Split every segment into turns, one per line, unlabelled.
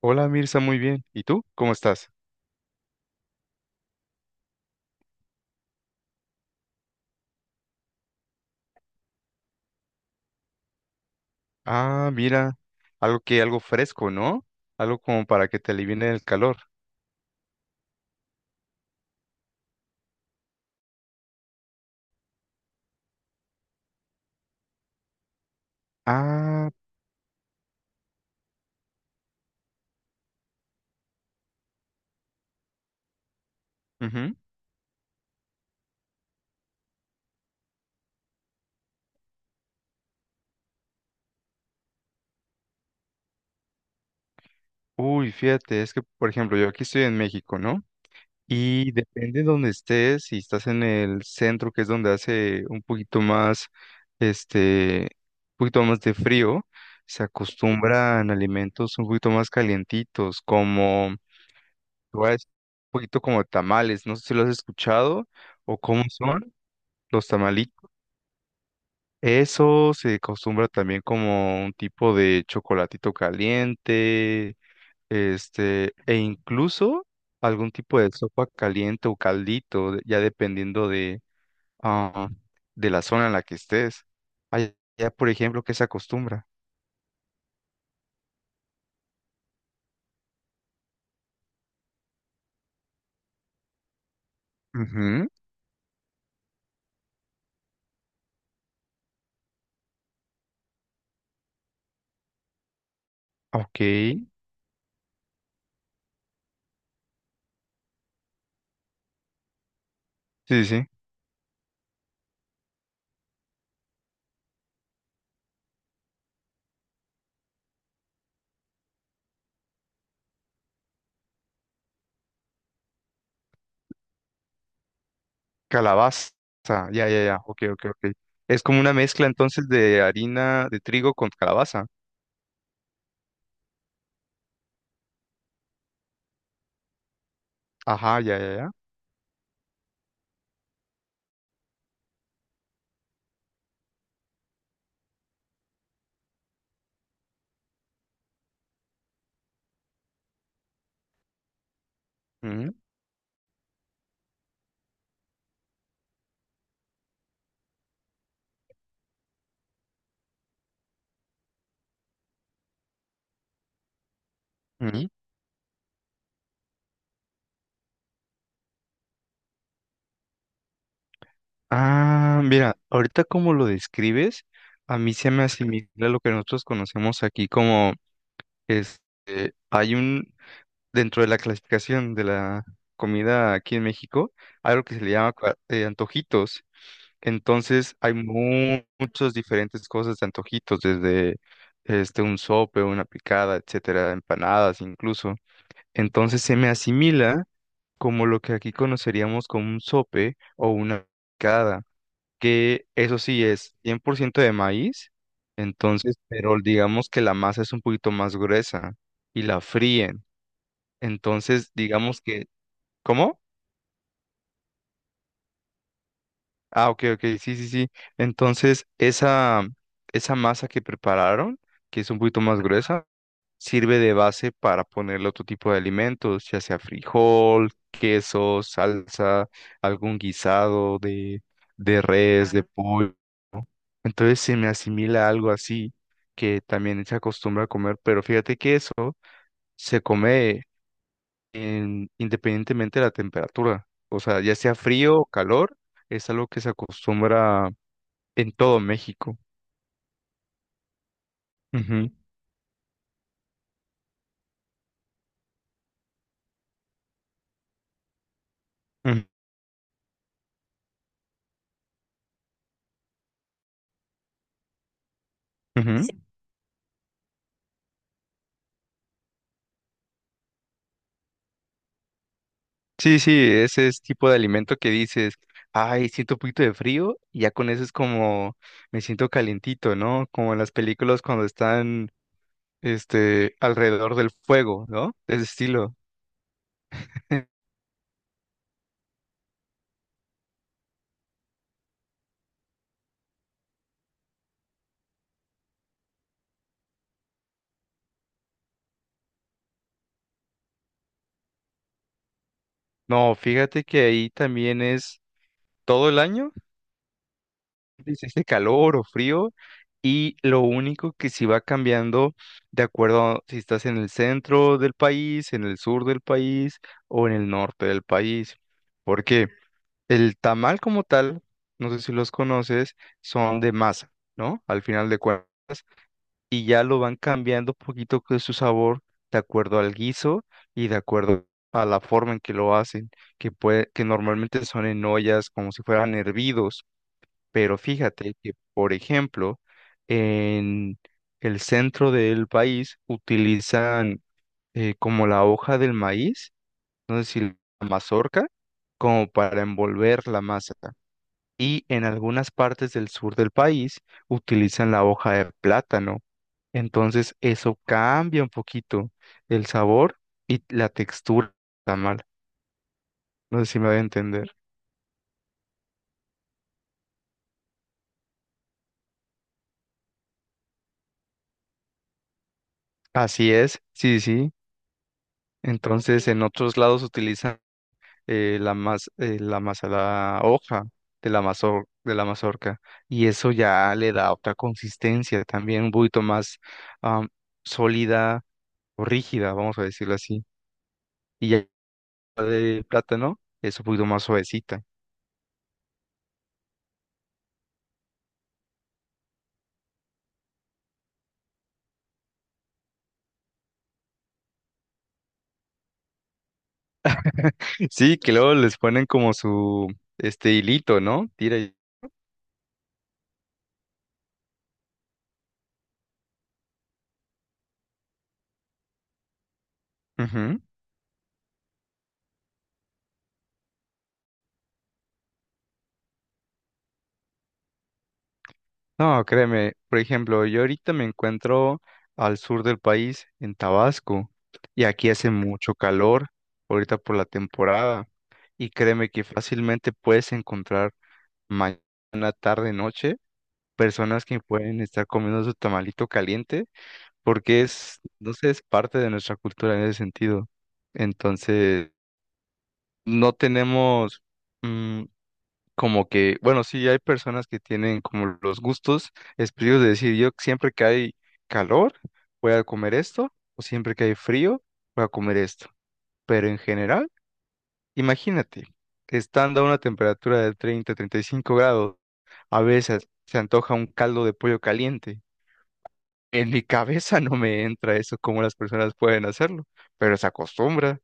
Hola Mirza, muy bien. ¿Y tú? ¿Cómo estás? Ah, mira, algo fresco, ¿no? Algo como para que te alivine el calor. Ah, ujú. Uy, fíjate, es que por ejemplo, yo aquí estoy en México, ¿no? Y depende de donde estés, si estás en el centro, que es donde hace este, un poquito más de frío, se acostumbran alimentos un poquito más calientitos, como, te voy a decir, un poquito como tamales, no sé si lo has escuchado o cómo son. Los tamalitos. Eso se acostumbra también como un tipo de chocolatito caliente, e incluso algún tipo de sopa caliente o caldito, ya dependiendo ah, de la zona en la que estés. Allá, por ejemplo, ¿que se acostumbra? Ujú. Ok. Sí, sí. Sí. Calabaza. Ya, ya, ya. Ok, ok, ok. Es como una mezcla entonces de harina de trigo con calabaza. Ajá, ya, ya, ya. Ujú, ujú. Ah, mira, ahorita como lo describes, a mí se me asimila lo que nosotros conocemos aquí como este, hay un, dentro de la clasificación de la comida aquí en México, hay algo que se le llama antojitos. Entonces hay muchas diferentes cosas de antojitos, desde un sope, una picada, etcétera, empanadas incluso. Entonces se me asimila como lo que aquí conoceríamos como un sope o una picada, que eso sí es 100% de maíz, entonces, pero digamos que la masa es un poquito más gruesa y la fríen. Entonces, digamos que, ¿cómo? Ah, ok, ok, sí, sí, sí. Entonces, esa masa que prepararon, que es un poquito más gruesa, sirve de base para ponerle otro tipo de alimentos, ya sea frijol, queso, salsa, algún guisado de res, de, claro, pollo, ¿no? Entonces se me asimila algo así, que también se acostumbra a comer, pero fíjate que eso se come independientemente de la temperatura. O sea, ya sea frío o calor, es algo que se acostumbra en todo México. Ujú, ujú, ujú. Sí, sí, ese es tipo de alimento que dices, ay, siento un poquito de frío y ya con eso es como me siento calientito, ¿no? Como en las películas cuando están, alrededor del fuego, ¿no? De ese estilo. No, fíjate que ahí también es todo el año, dice este calor o frío, y lo único que sí va cambiando de acuerdo a si estás en el centro del país, en el sur del país o en el norte del país. ¿Por qué? El tamal como tal, no sé si los conoces, son de masa, ¿no? Al final de cuentas, y ya lo van cambiando poquito de su sabor de acuerdo al guiso y de acuerdo a la forma en que lo hacen, que puede, que normalmente son en ollas como si fueran hervidos, pero fíjate que, por ejemplo, en el centro del país utilizan como la hoja del maíz, no sé si la mazorca, como para envolver la masa, y en algunas partes del sur del país utilizan la hoja de plátano. Entonces eso cambia un poquito el sabor y la textura del tamal. No sé si me voy a entender. Así es, sí, sí. Entonces en otros lados utilizan la hoja de la mazorca, y eso ya le da otra consistencia también un poquito más am, sólida o rígida, vamos a decirlo así. Y ya de plátano es un poquito más suavecita. Sí, que luego les ponen como su, este hilito, ¿no? Tira y. Ujú. No, créeme, por ejemplo, yo ahorita me encuentro al sur del país, en Tabasco, y aquí hace mucho calor, ahorita por la temporada, y créeme que fácilmente puedes encontrar mañana, tarde, noche, personas que pueden estar comiendo su tamalito caliente, porque es, no sé, es parte de nuestra cultura en ese sentido. Entonces no tenemos mm, como que, bueno, sí hay personas que tienen como los gustos específicos de decir, yo siempre que hay calor voy a comer esto, o siempre que hay frío voy a comer esto. Pero en general, imagínate, estando a una temperatura de 30 35 grados, a veces se antoja un caldo de pollo caliente. En mi cabeza no me entra eso, cómo las personas pueden hacerlo, pero se acostumbra.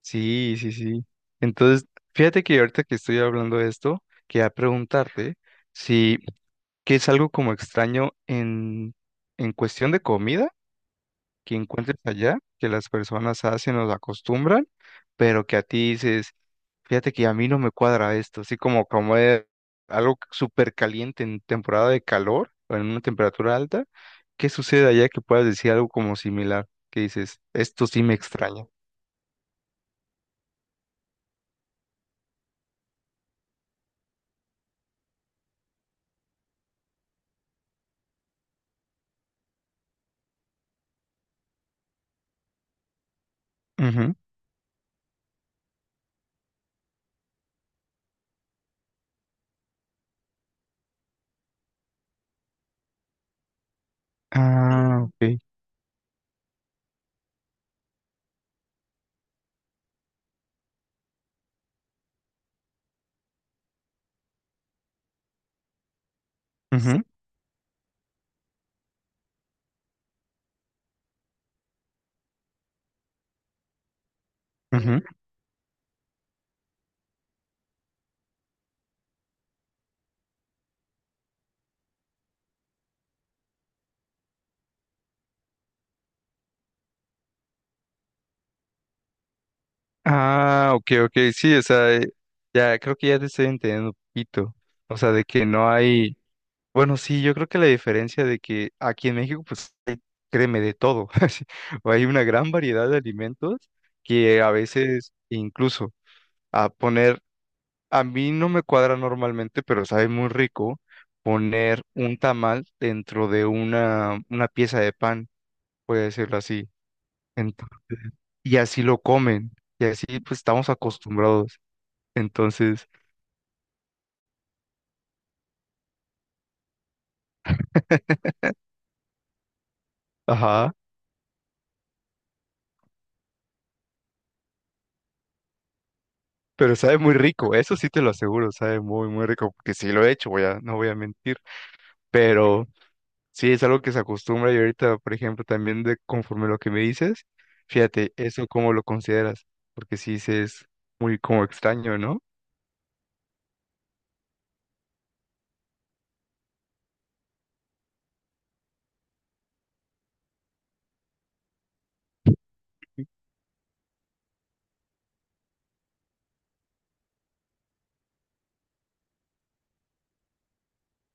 Sí, sí, sí. Entonces, fíjate que ahorita que estoy hablando de esto, quería preguntarte si, ¿qué es algo como extraño en cuestión de comida que encuentres allá, que las personas hacen o acostumbran, pero que a ti dices, fíjate que a mí no me cuadra esto, así como es algo súper caliente en temporada de calor o en una temperatura alta, ¿qué sucede allá que puedas decir algo como similar, que dices, esto sí me extraña? Ujú. Ah, ok. Ujú, ujú. Ah, ok, ok, sí, o sea, ya creo que ya te estoy entendiendo un poquito. O sea, de que no hay, bueno, sí, yo creo que la diferencia de que aquí en México, pues, hay, créeme, de todo. Así, o hay una gran variedad de alimentos que a veces incluso a poner, a mí no me cuadra normalmente, pero sabe muy rico poner un tamal dentro de una pieza de pan, voy a decirlo así. Entonces, y así lo comen, y así pues estamos acostumbrados. Entonces, ajá, pero sabe muy rico, eso sí te lo aseguro, sabe muy, muy rico, porque sí lo he hecho, no voy a mentir, pero sí es algo que se acostumbra y ahorita, por ejemplo, también de conforme lo que me dices, fíjate, eso cómo lo consideras, porque sí se es muy como extraño, ¿no?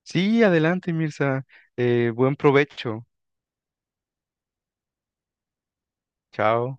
Sí, adelante, Mirza, buen provecho, chao.